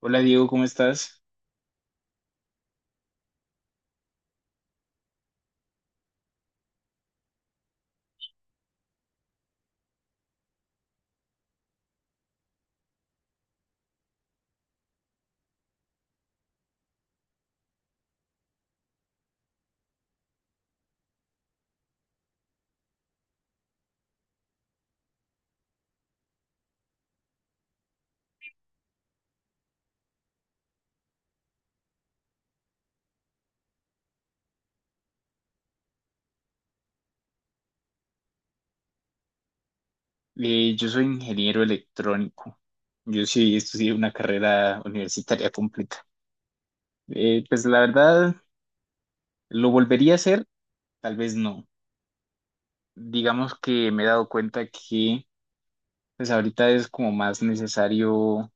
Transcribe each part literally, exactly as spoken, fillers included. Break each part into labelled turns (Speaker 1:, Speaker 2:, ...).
Speaker 1: Hola Diego, ¿cómo estás? Eh, yo soy ingeniero electrónico. Yo sí estudié una carrera universitaria completa. Eh, pues la verdad, ¿lo volvería a hacer? Tal vez no. Digamos que me he dado cuenta que pues ahorita es como más necesario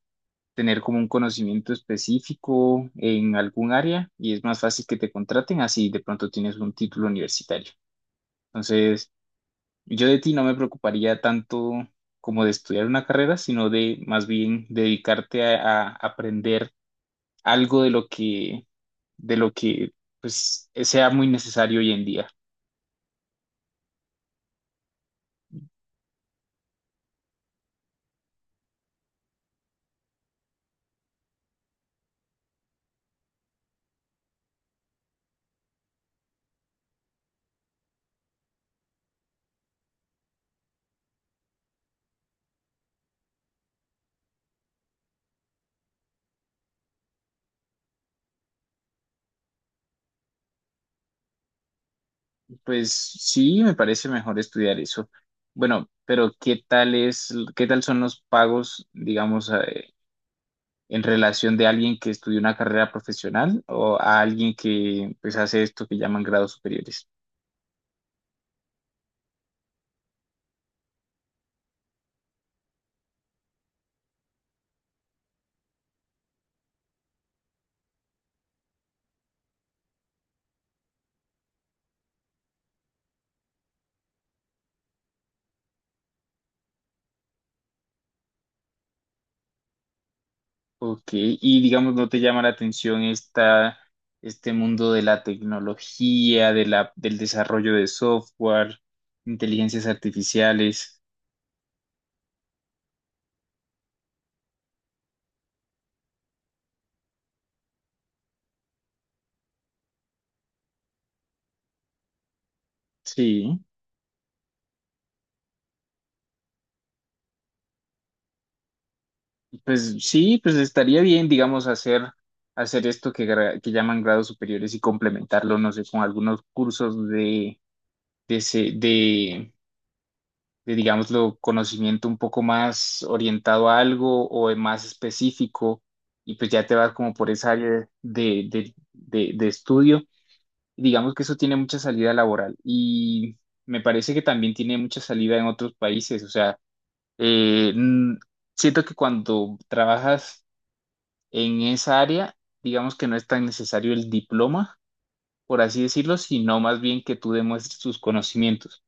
Speaker 1: tener como un conocimiento específico en algún área, y es más fácil que te contraten así de pronto tienes un título universitario. Entonces, yo de ti no me preocuparía tanto como de estudiar una carrera, sino de más bien dedicarte a, a aprender algo de lo que, de lo que pues sea muy necesario hoy en día. Pues sí, me parece mejor estudiar eso. Bueno, pero ¿qué tal es, qué tal son los pagos, digamos, eh, en relación de alguien que estudió una carrera profesional o a alguien que pues hace esto que llaman grados superiores? Ok, y digamos, ¿no te llama la atención esta, este mundo de la tecnología, de la, del desarrollo de software, inteligencias artificiales? Sí, pues sí, pues estaría bien, digamos, hacer, hacer esto que, gra- que llaman grados superiores y complementarlo, no sé, con algunos cursos de, de, se- de, de, digámoslo, conocimiento un poco más orientado a algo o es más específico, y pues ya te vas como por esa área de, de, de, de estudio. Y digamos que eso tiene mucha salida laboral, y me parece que también tiene mucha salida en otros países. O sea, eh, n- siento que cuando trabajas en esa área, digamos que no es tan necesario el diploma, por así decirlo, sino más bien que tú demuestres tus conocimientos.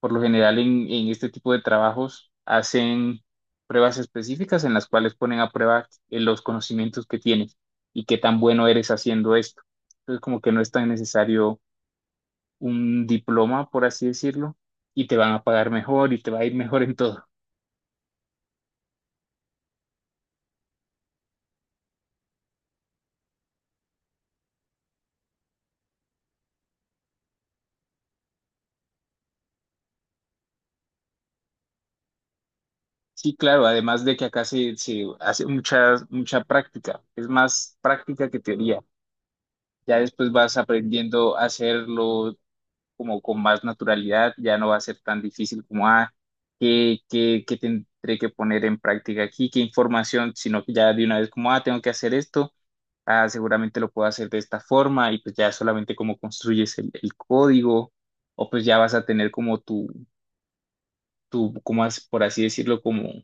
Speaker 1: Por lo general en, en este tipo de trabajos hacen pruebas específicas en las cuales ponen a prueba eh, los conocimientos que tienes y qué tan bueno eres haciendo esto. Entonces como que no es tan necesario un diploma, por así decirlo, y te van a pagar mejor y te va a ir mejor en todo. Sí, claro, además de que acá se, se hace mucha, mucha práctica, es más práctica que teoría. Ya después vas aprendiendo a hacerlo como con más naturalidad, ya no va a ser tan difícil como, ah, ¿qué, qué, qué tendré que poner en práctica aquí? ¿Qué información? Sino que ya de una vez como, ah, tengo que hacer esto, ah, seguramente lo puedo hacer de esta forma, y pues ya solamente como construyes el, el código, o pues ya vas a tener como tu, tu, como as- por así decirlo, como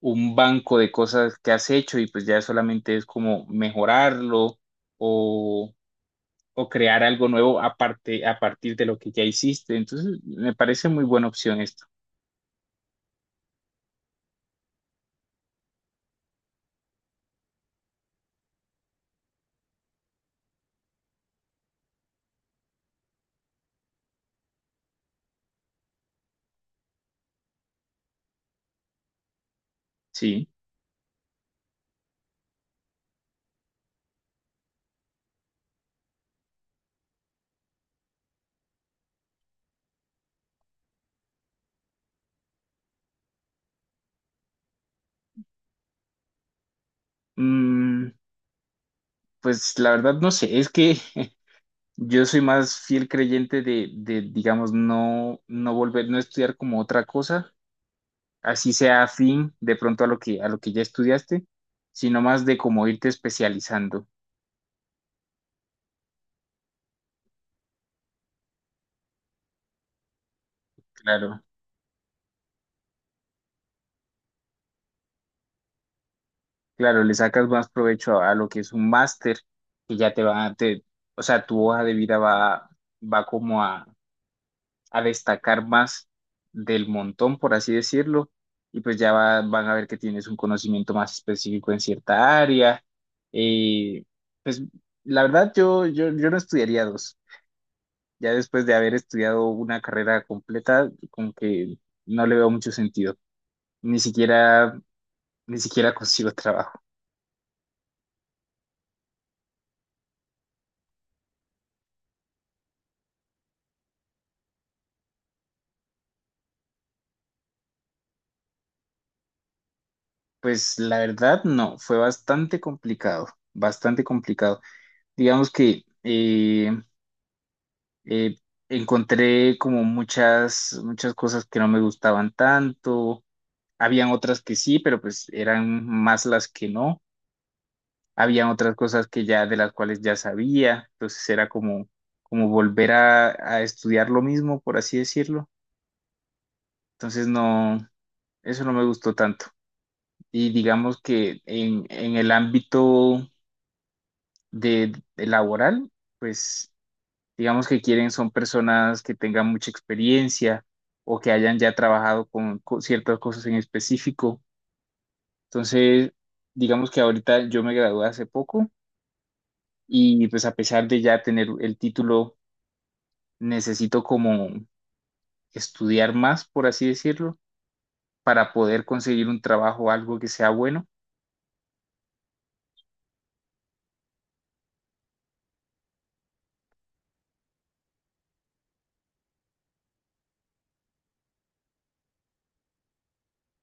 Speaker 1: un banco de cosas que has hecho, y pues ya solamente es como mejorarlo o o crear algo nuevo aparte, a partir de lo que ya hiciste. Entonces, me parece muy buena opción esto. Sí. Mm, pues la verdad no sé, es que yo soy más fiel creyente de, de, digamos, no, no volver, no estudiar como otra cosa, así sea afín de pronto a lo que, a lo que ya estudiaste, sino más de como irte especializando. Claro, claro, le sacas más provecho a, a lo que es un máster, que ya te va, te, o sea, tu hoja de vida va, va como a, a destacar más del montón, por así decirlo, y pues ya va- van a ver que tienes un conocimiento más específico en cierta área. Eh, pues la verdad yo, yo, yo no estudiaría dos. Ya después de haber estudiado una carrera completa, como que no le veo mucho sentido. Ni siquiera, ni siquiera consigo trabajo. Pues la verdad no, fue bastante complicado, bastante complicado. Digamos que eh, eh, encontré como muchas, muchas cosas que no me gustaban tanto. Habían otras que sí, pero pues eran más las que no. Habían otras cosas que ya de las cuales ya sabía. Entonces era como, como volver a, a estudiar lo mismo, por así decirlo. Entonces no, eso no me gustó tanto. Y digamos que en, en el ámbito de, de laboral, pues digamos que quieren son personas que tengan mucha experiencia o que hayan ya trabajado con, co- ciertas cosas en específico. Entonces, digamos que ahorita yo me gradué hace poco, y pues a pesar de ya tener el título, necesito como estudiar más, por así decirlo, para poder conseguir un trabajo o algo que sea bueno.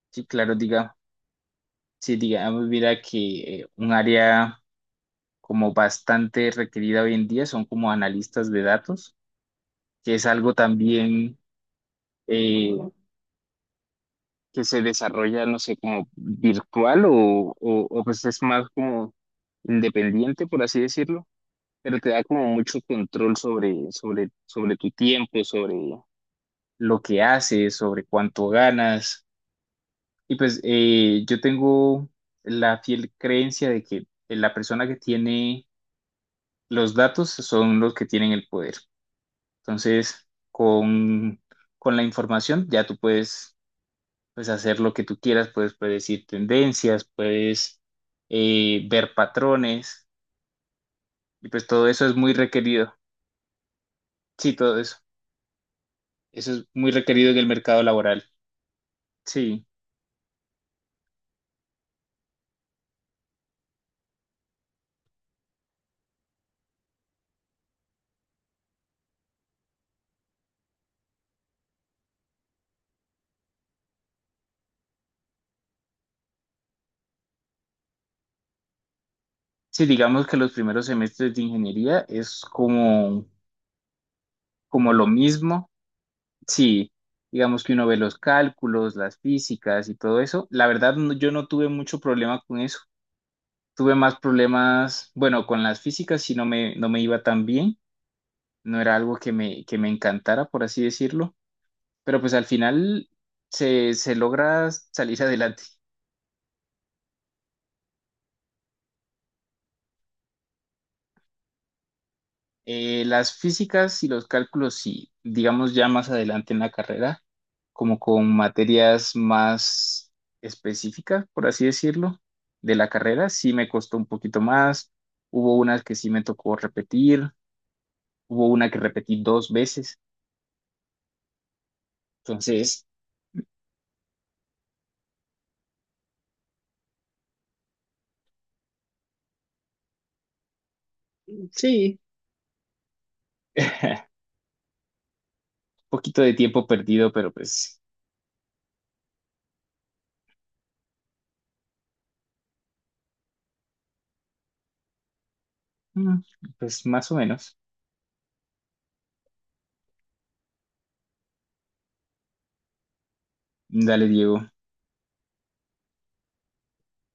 Speaker 1: Sí, claro, diga, sí, digamos, mira que eh, un área como bastante requerida hoy en día son como analistas de datos, que es algo también eh, que se desarrolla, no sé, como virtual o, o, o, pues es más como independiente, por así decirlo, pero te da como mucho control sobre, sobre, sobre tu tiempo, sobre lo que haces, sobre cuánto ganas. Y pues eh, yo tengo la fiel creencia de que eh, la persona que tiene los datos son los que tienen el poder. Entonces, con, con la información ya tú puedes pues hacer lo que tú quieras, puedes predecir tendencias, puedes eh, ver patrones, y pues todo eso es muy requerido. Sí, todo eso. Eso es muy requerido en el mercado laboral. Sí. Sí, digamos que los primeros semestres de ingeniería es como, como lo mismo. Sí, digamos que uno ve los cálculos, las físicas y todo eso. La verdad, no- yo no tuve mucho problema con eso. Tuve más problemas, bueno, con las físicas, si no me, no me iba tan bien, no era algo que me, que me encantara, por así decirlo, pero pues al final se, se logra salir adelante. Eh, las físicas y los cálculos, sí, digamos ya más adelante en la carrera, como con materias más específicas, por así decirlo, de la carrera, sí me costó un poquito más, hubo unas que sí me tocó repetir, hubo una que repetí dos veces, entonces, sí, poquito de tiempo perdido, pero pues, mm, pues más o menos. Dale, Diego.